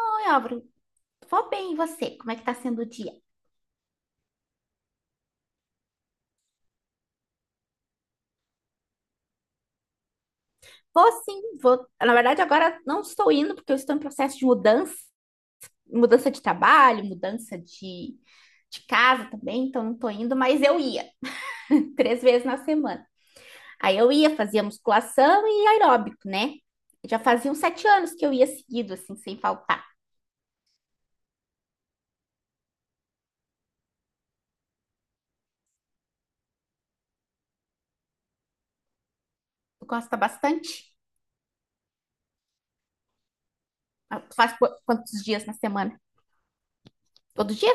Oi, Álvaro, vou bem, e você? Como é que tá sendo o dia? Vou sim, vou. Na verdade, agora não estou indo porque eu estou em processo de mudança, mudança de trabalho, mudança de casa também, então não estou indo, mas eu ia três vezes na semana. Aí eu ia, fazia musculação e aeróbico, né? Já faziam 7 anos que eu ia seguido, assim, sem faltar. Tu gosta bastante? Ah, tu faz quantos dias na semana? Todo dia?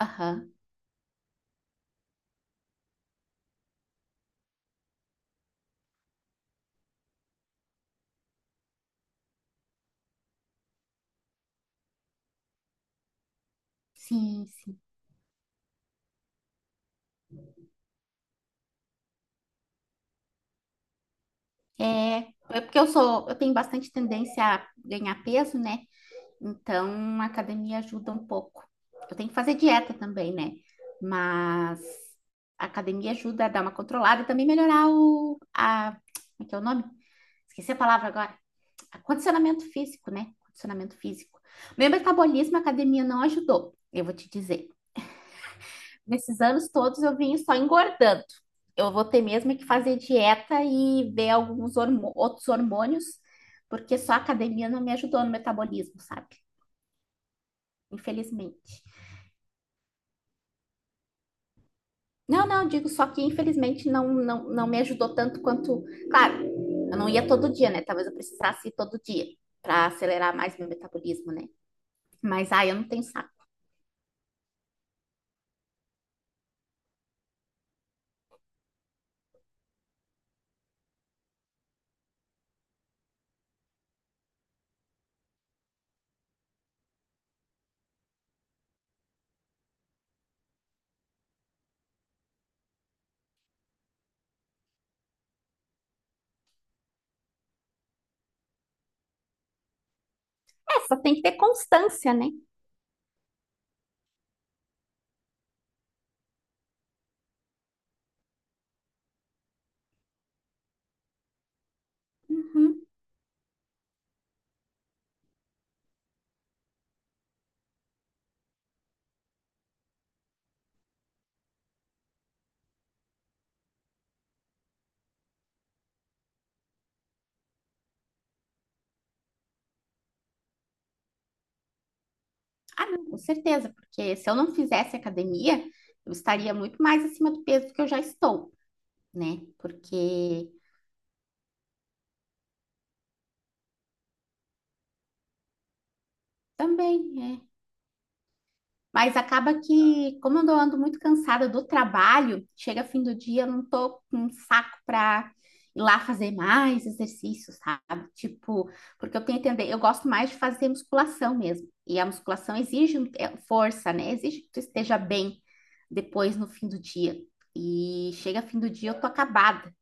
Aham. Sim, sim. É, é porque eu tenho bastante tendência a ganhar peso, né? Então a academia ajuda um pouco. Eu tenho que fazer dieta também, né? Mas a academia ajuda a dar uma controlada e também melhorar como é que é o nome? Esqueci a palavra agora. Condicionamento físico, né? Condicionamento físico. Meu metabolismo, a academia não ajudou, eu vou te dizer nesses anos todos eu vim só engordando. Eu vou ter mesmo que fazer dieta e ver alguns outros hormônios, porque só a academia não me ajudou no metabolismo, sabe? Infelizmente. Não, não, digo só que infelizmente não, não, não me ajudou tanto quanto. Claro, eu não ia todo dia, né? Talvez eu precisasse ir todo dia para acelerar mais meu metabolismo, né? Mas, ah, eu não tenho saco. É, só tem que ter constância, né? Uhum. Ah, não, com certeza, porque se eu não fizesse academia, eu estaria muito mais acima do peso do que eu já estou, né? Porque também é. Mas acaba que, como eu ando muito cansada do trabalho, chega fim do dia, eu não tô com um saco para ir lá fazer mais exercícios, sabe? Tipo, porque eu tenho que entender, eu gosto mais de fazer musculação mesmo. E a musculação exige é, força, né? Exige que tu esteja bem depois no fim do dia. E chega fim do dia, eu tô acabada.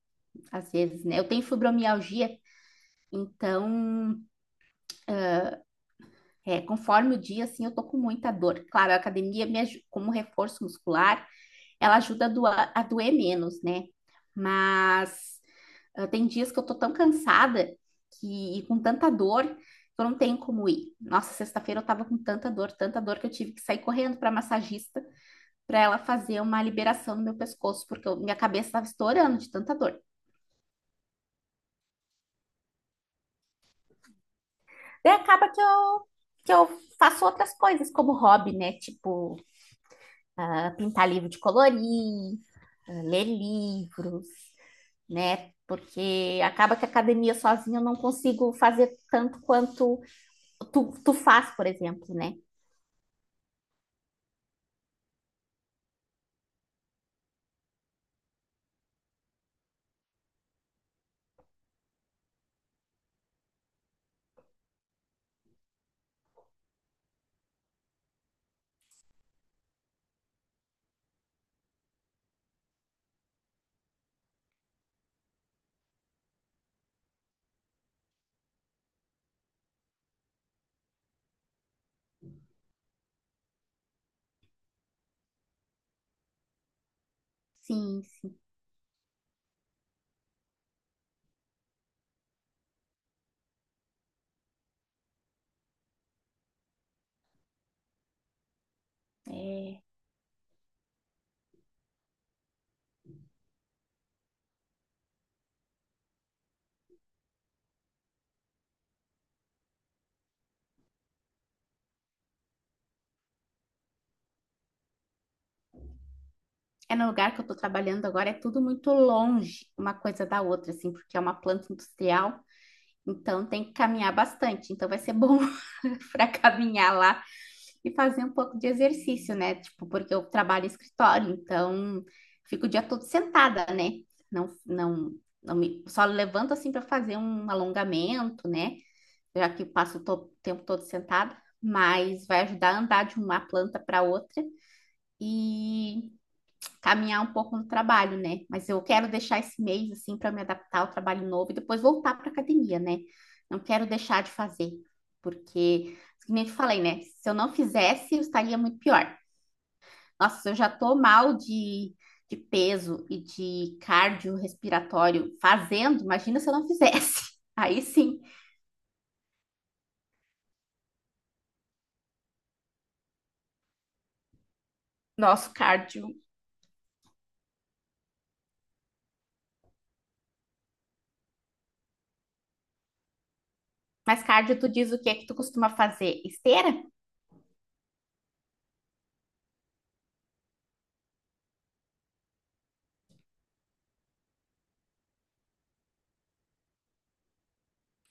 Às vezes, né? Eu tenho fibromialgia, então, conforme o dia, assim, eu tô com muita dor. Claro, a academia, como reforço muscular, ela ajuda a doer menos, né? Mas ah, tem dias que eu tô tão cansada que, e com tanta dor que eu não tenho como ir. Nossa, sexta-feira eu tava com tanta dor que eu tive que sair correndo para massagista para ela fazer uma liberação no meu pescoço, porque minha cabeça estava estourando de tanta dor. Daí acaba que eu faço outras coisas como hobby, né? Tipo, ah, pintar livro de colorir, ah, ler livros, né? Porque acaba que a academia sozinha eu não consigo fazer tanto quanto tu faz, por exemplo, né? Sim, sim. É, é no lugar que eu estou trabalhando agora, é tudo muito longe uma coisa da outra, assim, porque é uma planta industrial, então tem que caminhar bastante. Então vai ser bom para caminhar lá e fazer um pouco de exercício, né? Tipo, porque eu trabalho em escritório, então fico o dia todo sentada, né? Não, não, só levanto assim para fazer um alongamento, né? Já que passo o tempo todo sentada, mas vai ajudar a andar de uma planta para outra. E caminhar um pouco no trabalho, né? Mas eu quero deixar esse mês assim para me adaptar ao trabalho novo e depois voltar para academia, né? Não quero deixar de fazer, porque, como eu te falei, né? Se eu não fizesse, eu estaria muito pior. Nossa, eu já tô mal de peso e de cardio respiratório fazendo, imagina se eu não fizesse. Aí sim, nosso cardio. Mas cardio, tu diz o que é que tu costuma fazer? Esteira?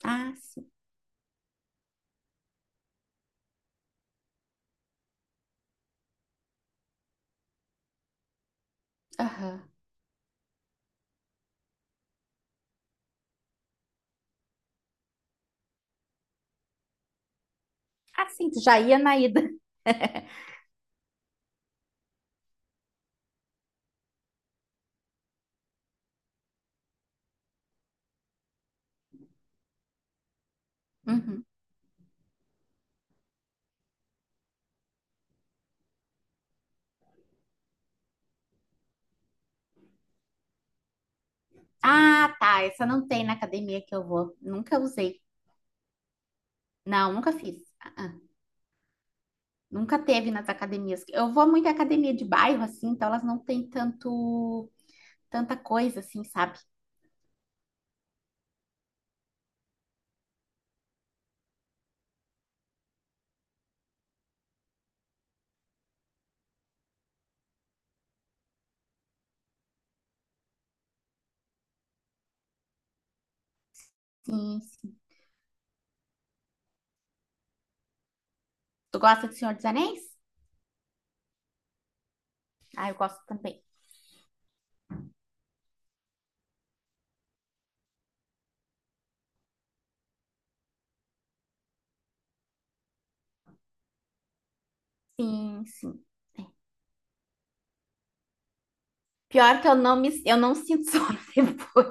Ah, sim. Aham. Ah, sim, tu já ia na ida. Uhum. Ah, tá. Essa não tem na academia que eu vou. Nunca usei. Não, nunca fiz. Ah, ah. Nunca teve nas academias. Eu vou muito à academia de bairro, assim, então elas não têm tanta coisa, assim, sabe? Sim. Sim. Tu gosta de Senhor dos Anéis? Ah, eu gosto também. Sim, sim. É. Pior que eu não sinto sono depois.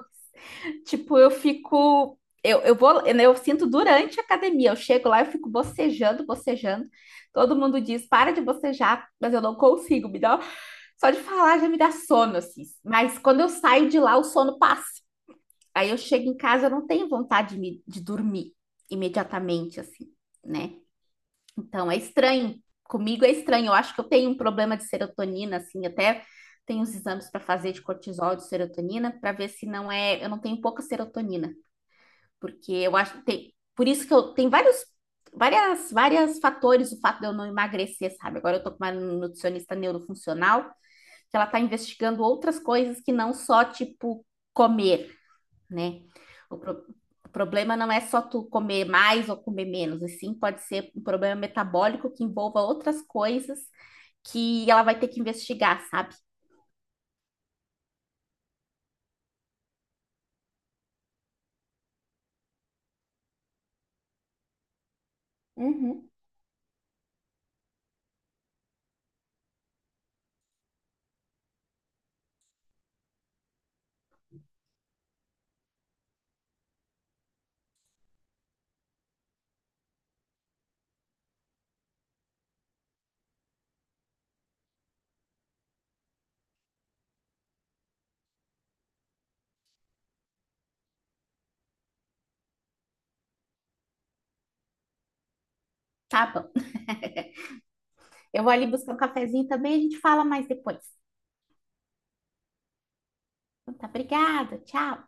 Tipo, eu fico. Eu eu sinto durante a academia. Eu chego lá, eu fico bocejando, bocejando. Todo mundo diz, para de bocejar, mas eu não consigo. Me dá uma. Só de falar já me dá sono, assim. Mas quando eu saio de lá, o sono passa. Aí eu chego em casa, eu não tenho vontade de dormir imediatamente, assim, né? Então é estranho. Comigo é estranho. Eu acho que eu tenho um problema de serotonina, assim, até tenho uns exames para fazer de cortisol e de serotonina para ver se não é. Eu não tenho pouca serotonina, porque eu acho que tem. Por isso que eu tem várias fatores o fato de eu não emagrecer, sabe? Agora eu tô com uma nutricionista neurofuncional que ela está investigando outras coisas que não só, tipo, comer, né? O, pro- o problema não é só tu comer mais ou comer menos, e sim pode ser um problema metabólico que envolva outras coisas que ela vai ter que investigar, sabe? Uhum. Tá bom. Eu vou ali buscar um cafezinho também, a gente fala mais depois. Então, tá, obrigada, tchau.